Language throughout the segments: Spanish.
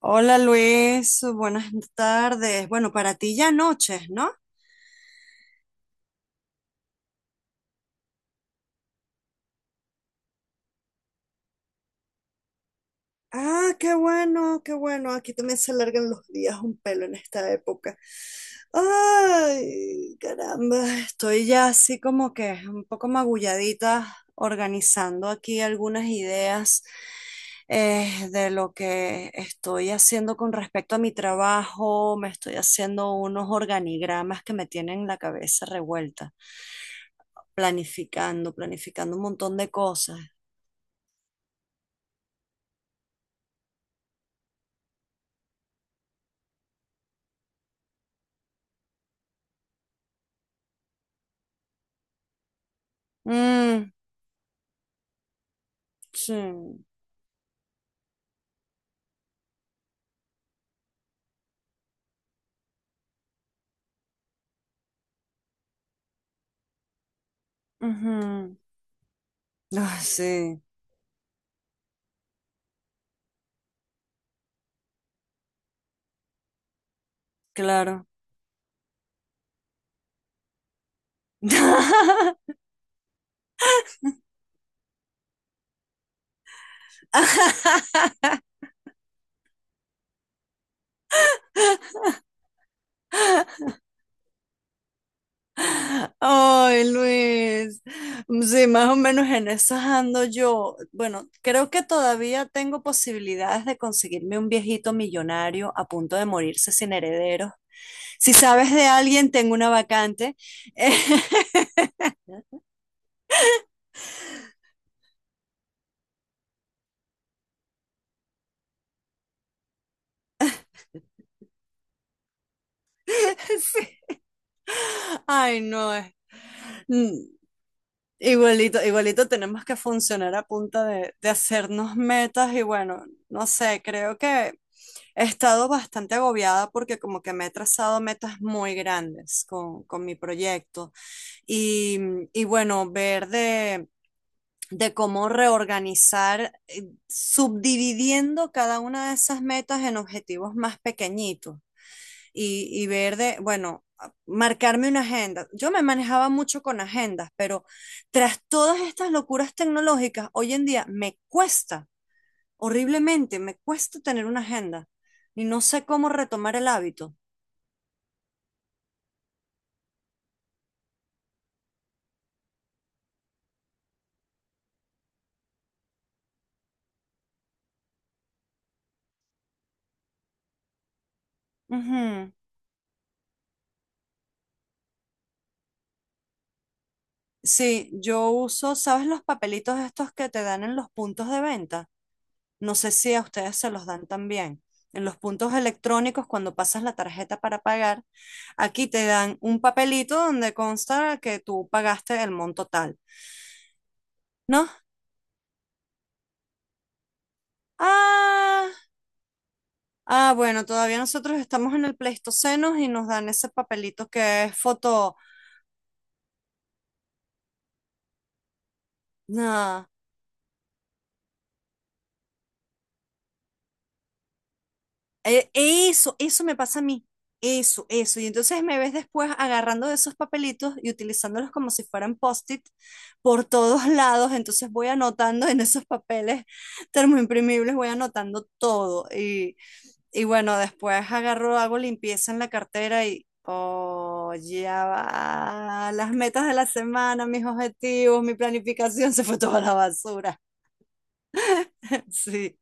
Hola Luis, buenas tardes. Bueno, para ti ya noches, ¿no? Ah, qué bueno, qué bueno. Aquí también se alargan los días un pelo en esta época. Ay, caramba, estoy ya así como que un poco magulladita organizando aquí algunas ideas de lo que estoy haciendo con respecto a mi trabajo. Me estoy haciendo unos organigramas que me tienen la cabeza revuelta, planificando un montón de cosas. Mm, sí. Ujú. Ah, sí, claro. Ay, Luis. Sí, más o menos en esas ando yo. Bueno, creo que todavía tengo posibilidades de conseguirme un viejito millonario a punto de morirse sin herederos. Si sabes de alguien, tengo una vacante. Sí. Ay, no. Mm, Igualito, igualito tenemos que funcionar a punta de hacernos metas y bueno, no sé, creo que he estado bastante agobiada porque como que me he trazado metas muy grandes con mi proyecto y, y bueno, ver de cómo reorganizar, subdividiendo cada una de esas metas en objetivos más pequeñitos y ver de, bueno, marcarme una agenda. Yo me manejaba mucho con agendas, pero tras todas estas locuras tecnológicas, hoy en día me cuesta, horriblemente, me cuesta tener una agenda y no sé cómo retomar el hábito. Ujú. Sí, yo uso, ¿sabes los papelitos estos que te dan en los puntos de venta? No sé si a ustedes se los dan también. En los puntos electrónicos, cuando pasas la tarjeta para pagar, aquí te dan un papelito donde consta que tú pagaste el monto tal, ¿no? Ah, ah, bueno, todavía nosotros estamos en el Pleistoceno y nos dan ese papelito que es foto. Nah. Eso, eso me pasa a mí. Eso, eso. Y entonces me ves después agarrando de esos papelitos y utilizándolos como si fueran post-it por todos lados. Entonces voy anotando en esos papeles termoimprimibles, voy anotando todo. Y bueno, después agarro, hago limpieza en la cartera y, oh, ya va. Las metas de la semana, mis objetivos, mi planificación se fue toda a la basura. Sí,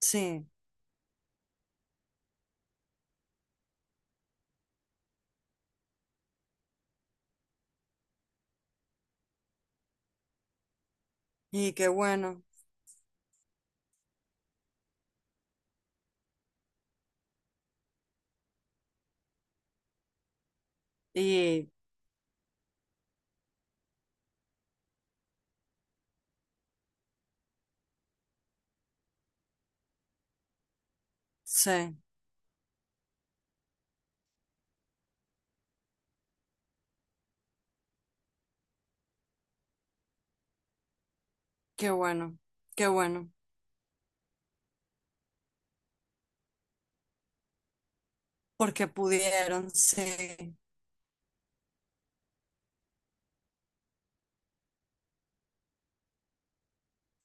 sí. Y qué bueno. Y sí. Qué bueno, qué bueno, porque pudieron, sí,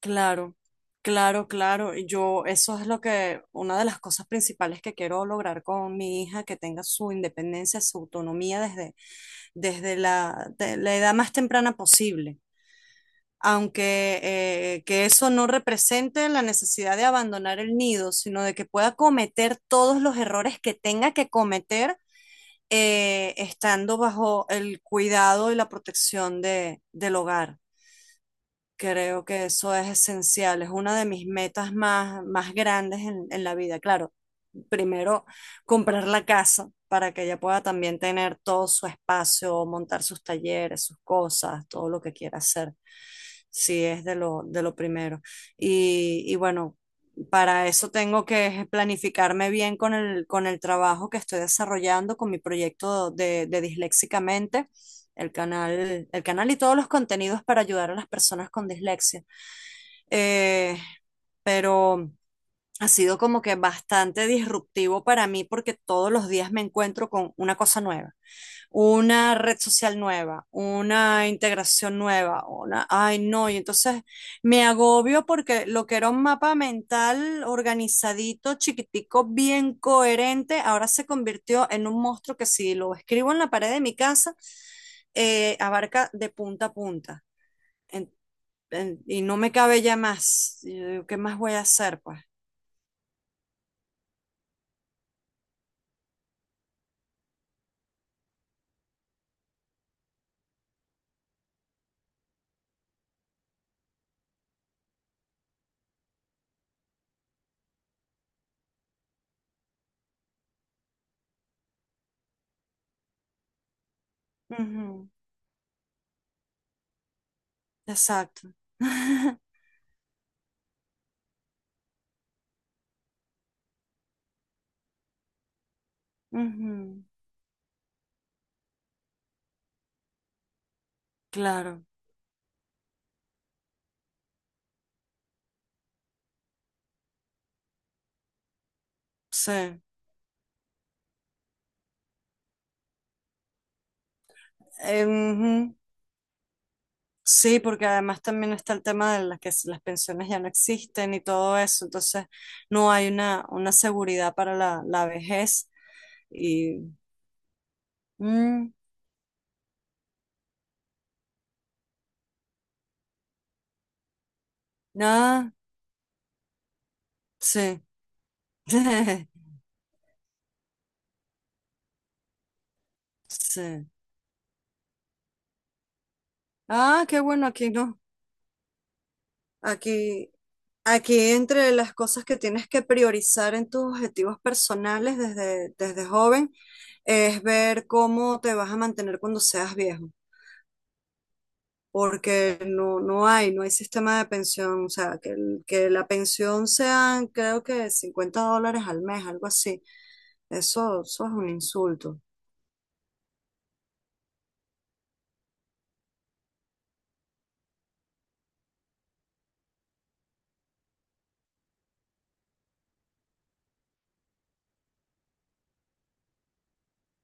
claro, claro, claro. Y yo, eso es lo que, una de las cosas principales que quiero lograr con mi hija, que tenga su independencia, su autonomía desde, desde la, de la edad más temprana posible. Aunque que eso no represente la necesidad de abandonar el nido, sino de que pueda cometer todos los errores que tenga que cometer estando bajo el cuidado y la protección de, del hogar. Creo que eso es esencial, es una de mis metas más, más grandes en la vida. Claro, primero comprar la casa para que ella pueda también tener todo su espacio, montar sus talleres, sus cosas, todo lo que quiera hacer. Sí, es de lo primero. Y bueno, para eso tengo que planificarme bien con el trabajo que estoy desarrollando, con mi proyecto de Disléxicamente el canal y todos los contenidos para ayudar a las personas con dislexia. Eh, pero ha sido como que bastante disruptivo para mí porque todos los días me encuentro con una cosa nueva, una red social nueva, una integración nueva, una, ay no, y entonces me agobio porque lo que era un mapa mental organizadito, chiquitico, bien coherente, ahora se convirtió en un monstruo que si lo escribo en la pared de mi casa, abarca de punta a punta. En- y no me cabe ya más. Y yo digo, ¿qué más voy a hacer, pues? Ujú. Exacto. Ujú. Claro, sí. Ujú. Sí, porque además también está el tema de las las pensiones ya no existen y todo eso, entonces no hay una seguridad para la, la vejez y mm, nada, sí, sí. Ah, qué bueno, aquí no, aquí. Aquí entre las cosas que tienes que priorizar en tus objetivos personales desde, desde joven es ver cómo te vas a mantener cuando seas viejo, porque no, no hay, no hay sistema de pensión, o sea, que, que la pensión sean creo que 50 dólares al mes, algo así. Eso es un insulto.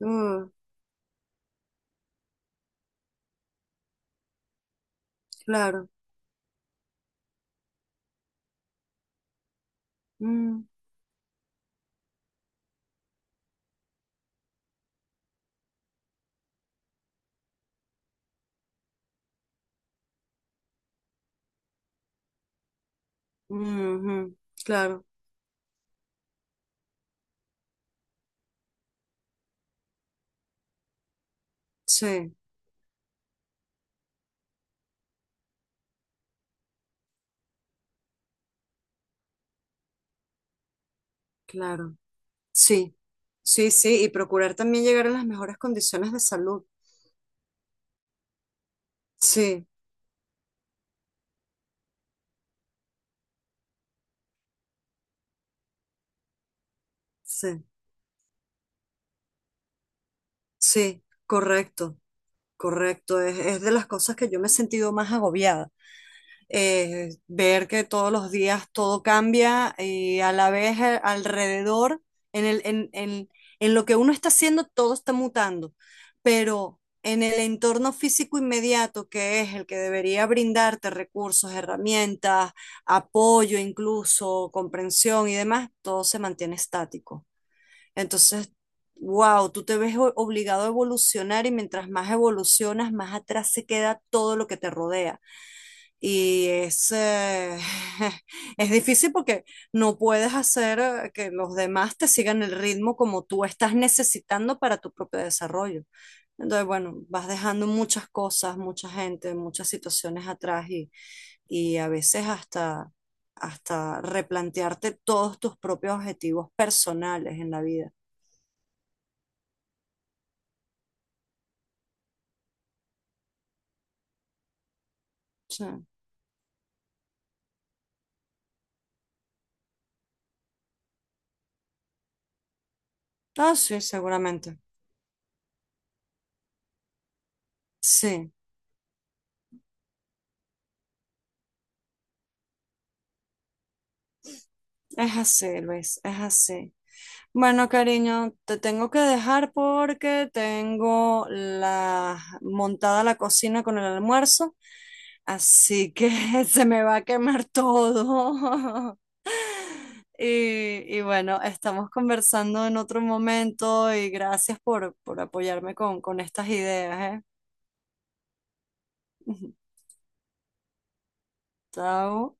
Mm, claro. Mm, ujú, claro. Sí, claro. Sí, sí, sí. Y procurar también llegar a las mejores condiciones de salud. Sí, sí, sí, correcto, correcto. Es de las cosas que yo me he sentido más agobiada. Ver que todos los días todo cambia y a la vez alrededor, en el, en lo que uno está haciendo, todo está mutando. Pero en el entorno físico inmediato, que es el que debería brindarte recursos, herramientas, apoyo incluso, comprensión y demás, todo se mantiene estático. Entonces, wow, tú te ves obligado a evolucionar y mientras más evolucionas, más atrás se queda todo lo que te rodea. Y es, es difícil porque no puedes hacer que los demás te sigan el ritmo como tú estás necesitando para tu propio desarrollo. Entonces, bueno, vas dejando muchas cosas, mucha gente, muchas situaciones atrás y a veces hasta, hasta replantearte todos tus propios objetivos personales en la vida. Sí. Ah, sí, seguramente. Sí, es así, Luis, es así. Bueno, cariño, te tengo que dejar porque tengo la montada la cocina con el almuerzo, así que se me va a quemar todo. Y, y bueno, estamos conversando en otro momento y gracias por apoyarme con estas ideas, ¿eh? Chao.